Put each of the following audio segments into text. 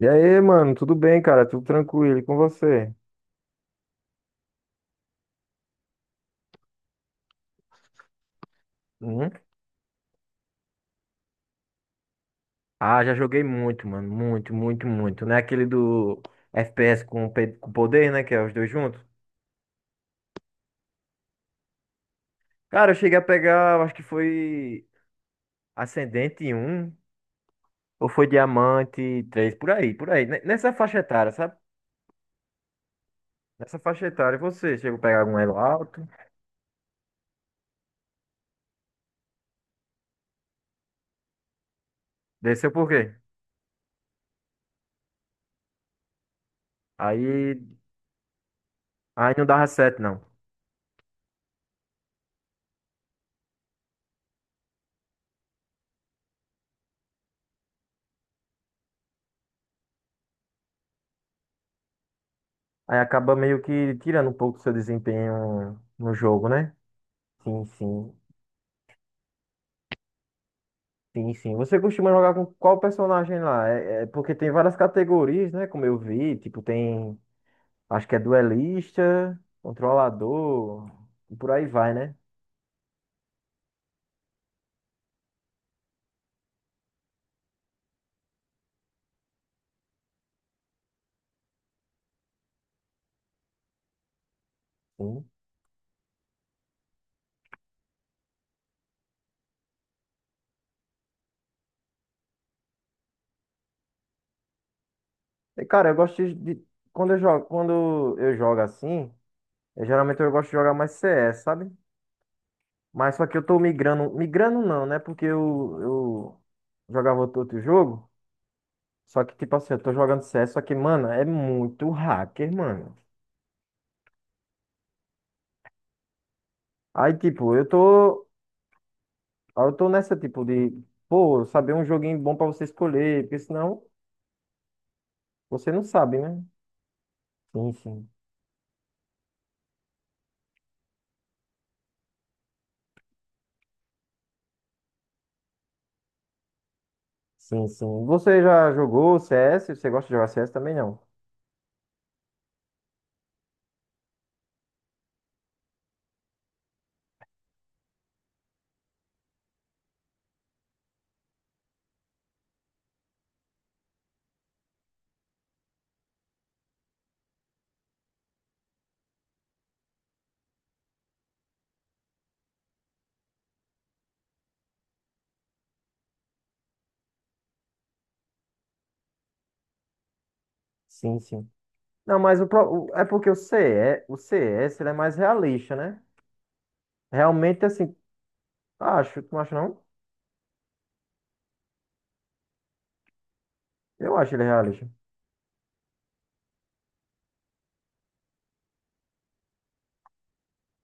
E aí, mano, tudo bem, cara? Tudo tranquilo e com você? Uhum. Ah, já joguei muito, mano. Muito, muito, muito. Não é aquele do FPS com, com poder, né? Que é os dois juntos. Cara, eu cheguei a pegar, eu acho que foi Ascendente um ou foi Diamante 3 por aí, por aí. Nessa faixa etária, sabe? Nessa faixa etária, e você chegou a pegar algum elo alto. Desceu por quê? Aí, aí não dava certo, não. Aí acaba meio que tirando um pouco do seu desempenho no jogo, né? Sim, sim. Sim, sim. Você costuma jogar com qual personagem lá? É, é porque tem várias categorias, né? Como eu vi, tipo, tem. Acho que é duelista, controlador, e por aí vai, né? Sim. E, cara, eu gosto de. De- quando eu jogo, quando eu jogo assim, eu, geralmente eu gosto de jogar mais CS, sabe? Mas só que eu tô migrando. Migrando não, né? Porque eu jogava outro jogo. Só que, tipo assim, eu tô jogando CS, só que, mano, é muito hacker, mano. Aí, tipo, eu tô. Aí eu tô nessa tipo de, pô, saber um joguinho bom pra você escolher, porque senão você não sabe, né? Sim, sim. Sim, sim. Você já jogou CS? Você gosta de jogar CS também não? Sim, sim. Não, mas é porque o CE, o CS, ele é mais realista, né? Realmente assim, acho, tu não acha não? Eu acho ele realista.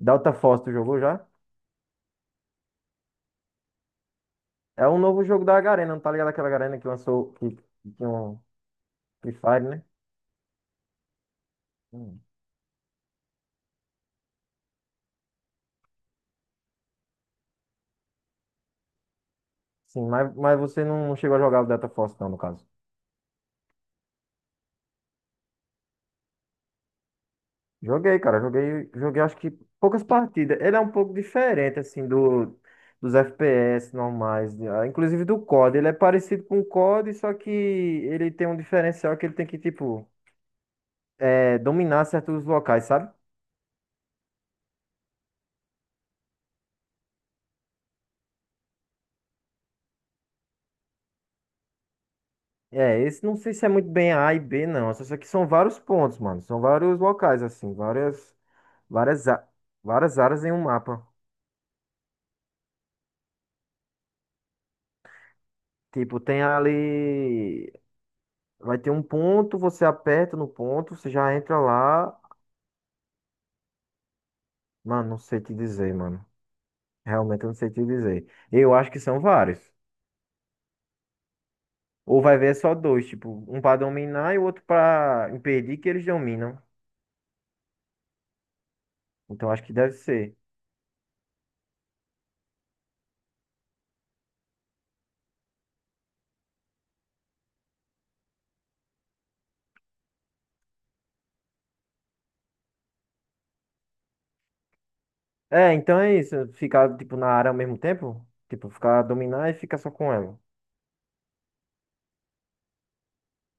Delta Force, tu jogou já? É um novo jogo da Garena, não tá ligado aquela Garena que lançou que um Free Fire, né? Hum. Sim, mas você não chegou a jogar o Delta Force não, no caso. Joguei, cara, joguei, joguei acho que poucas partidas. Ele é um pouco diferente, assim, do, dos FPS normais, inclusive do COD. Ele é parecido com o COD, só que ele tem um diferencial que ele tem que, tipo, é, dominar certos locais, sabe? É, esse não sei se é muito bem A e B, não. Só que são vários pontos, mano. São vários locais, assim, várias, a- várias áreas em um mapa. Tipo, tem ali. Vai ter um ponto, você aperta no ponto, você já entra lá. Mano, não sei te dizer, mano. Realmente eu não sei te dizer. Eu acho que são vários. Ou vai ver é só dois, tipo, um pra dominar e o outro pra impedir que eles dominam. Então acho que deve ser. É, então é isso. Ficar, tipo, na área ao mesmo tempo. Tipo, ficar dominar e ficar só com ela.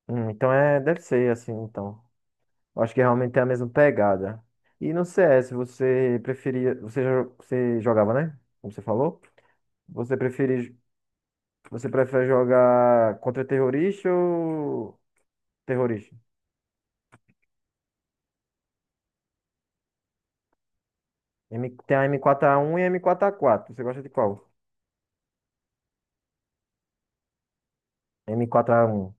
Então é, deve ser assim, então. Eu acho que realmente é a mesma pegada. E no CS, você preferia. Você jogava, né? Como você falou? Você prefere, você prefere jogar contra terrorista ou terrorista? Tem a M4A1 e a M4A4. Você gosta de qual? M4A1.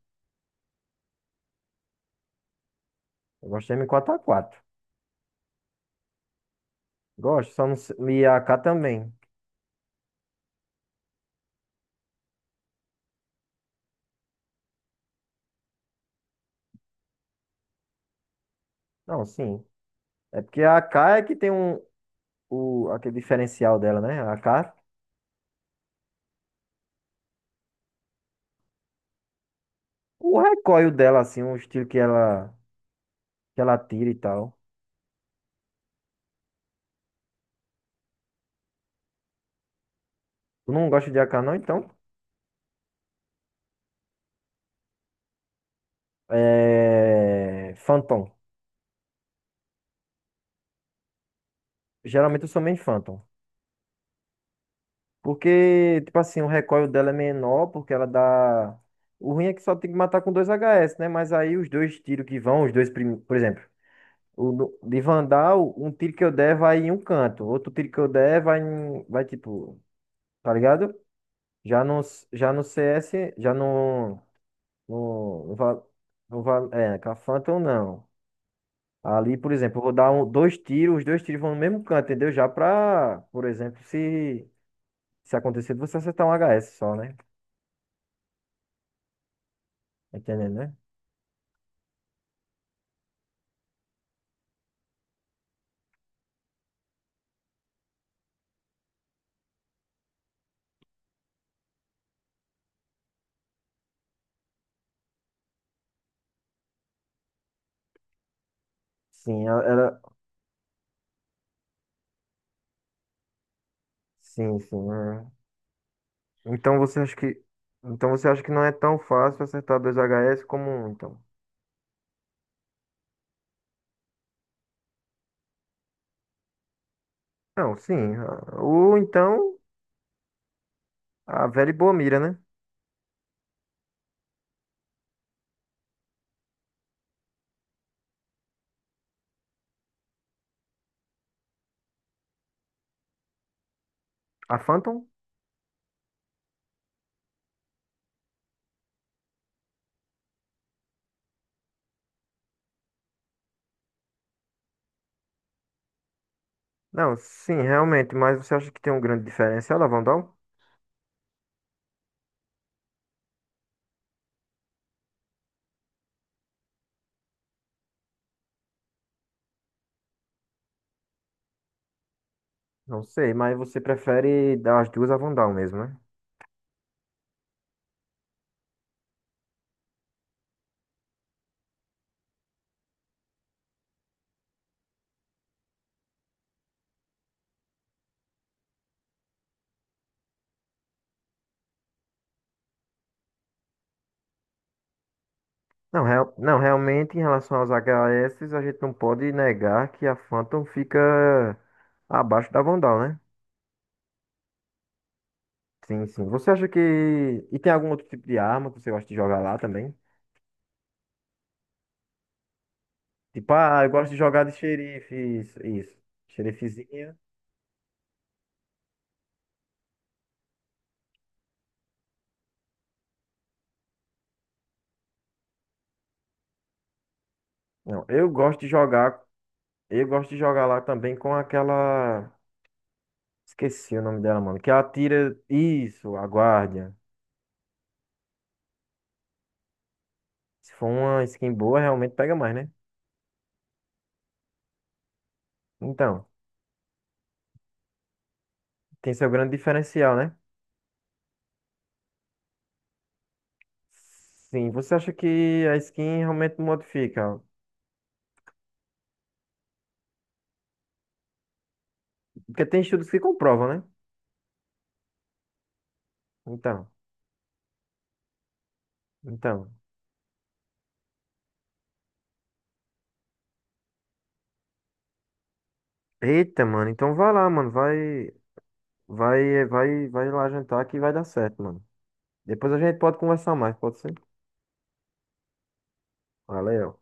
Eu gosto de M4A4. Gosto, só não sei. E a AK também. Não, sim. É porque a AK é que tem um, o, aquele diferencial dela, né? A AK, o recoil dela, assim, o estilo que ela tira e tal. Tu não gosta de AK, não, então? É. Phantom. Geralmente eu sou meio Phantom. Porque, tipo assim, o recoil dela é menor, porque ela dá. O ruim é que só tem que matar com dois HS, né? Mas aí os dois tiros que vão, os dois primeiros. Por exemplo, de Vandal, um tiro que eu der vai em um canto, outro tiro que eu der vai em. Vai tipo. Tá ligado? Já no, já no CS, já no. No, no, Va- no, Va- é, com a Phantom não. Ali, por exemplo, eu vou dar um, dois tiros, os dois tiros vão no mesmo canto, entendeu? Já pra, por exemplo, se acontecer de você acertar um HS só, né? Entendendo, né? Sim, ela, ela- sim, sim. É. Então você acha que, então você acha que não é tão fácil acertar dois H S como um, então? Não, sim. Ou então a velha e boa mira, né? A Phantom? Não, sim, realmente. Mas você acha que tem um grande diferencial a Vandal? Não sei, mas você prefere dar as duas a Vandal mesmo, né? Não, real, não, realmente em relação aos H S a gente não pode negar que a Phantom fica abaixo da Vandal, né? Sim, sim. Você acha que. E tem algum outro tipo de arma que você gosta de jogar lá também? Tipo, ah, eu gosto de jogar de xerife, isso, isso. Xerifezinha. Não, eu gosto de jogar. Eu gosto de jogar lá também com aquela. Esqueci o nome dela, mano. Que ela tira. Isso, a guardia. Se for uma skin boa, realmente pega mais, né? Então, tem seu grande diferencial, né? Sim, você acha que a skin realmente modifica? Porque tem estudos que comprovam, né? Então, então. Eita, mano, então vai lá, mano, vai, vai lá jantar que vai dar certo, mano. Depois a gente pode conversar mais, pode ser? Valeu.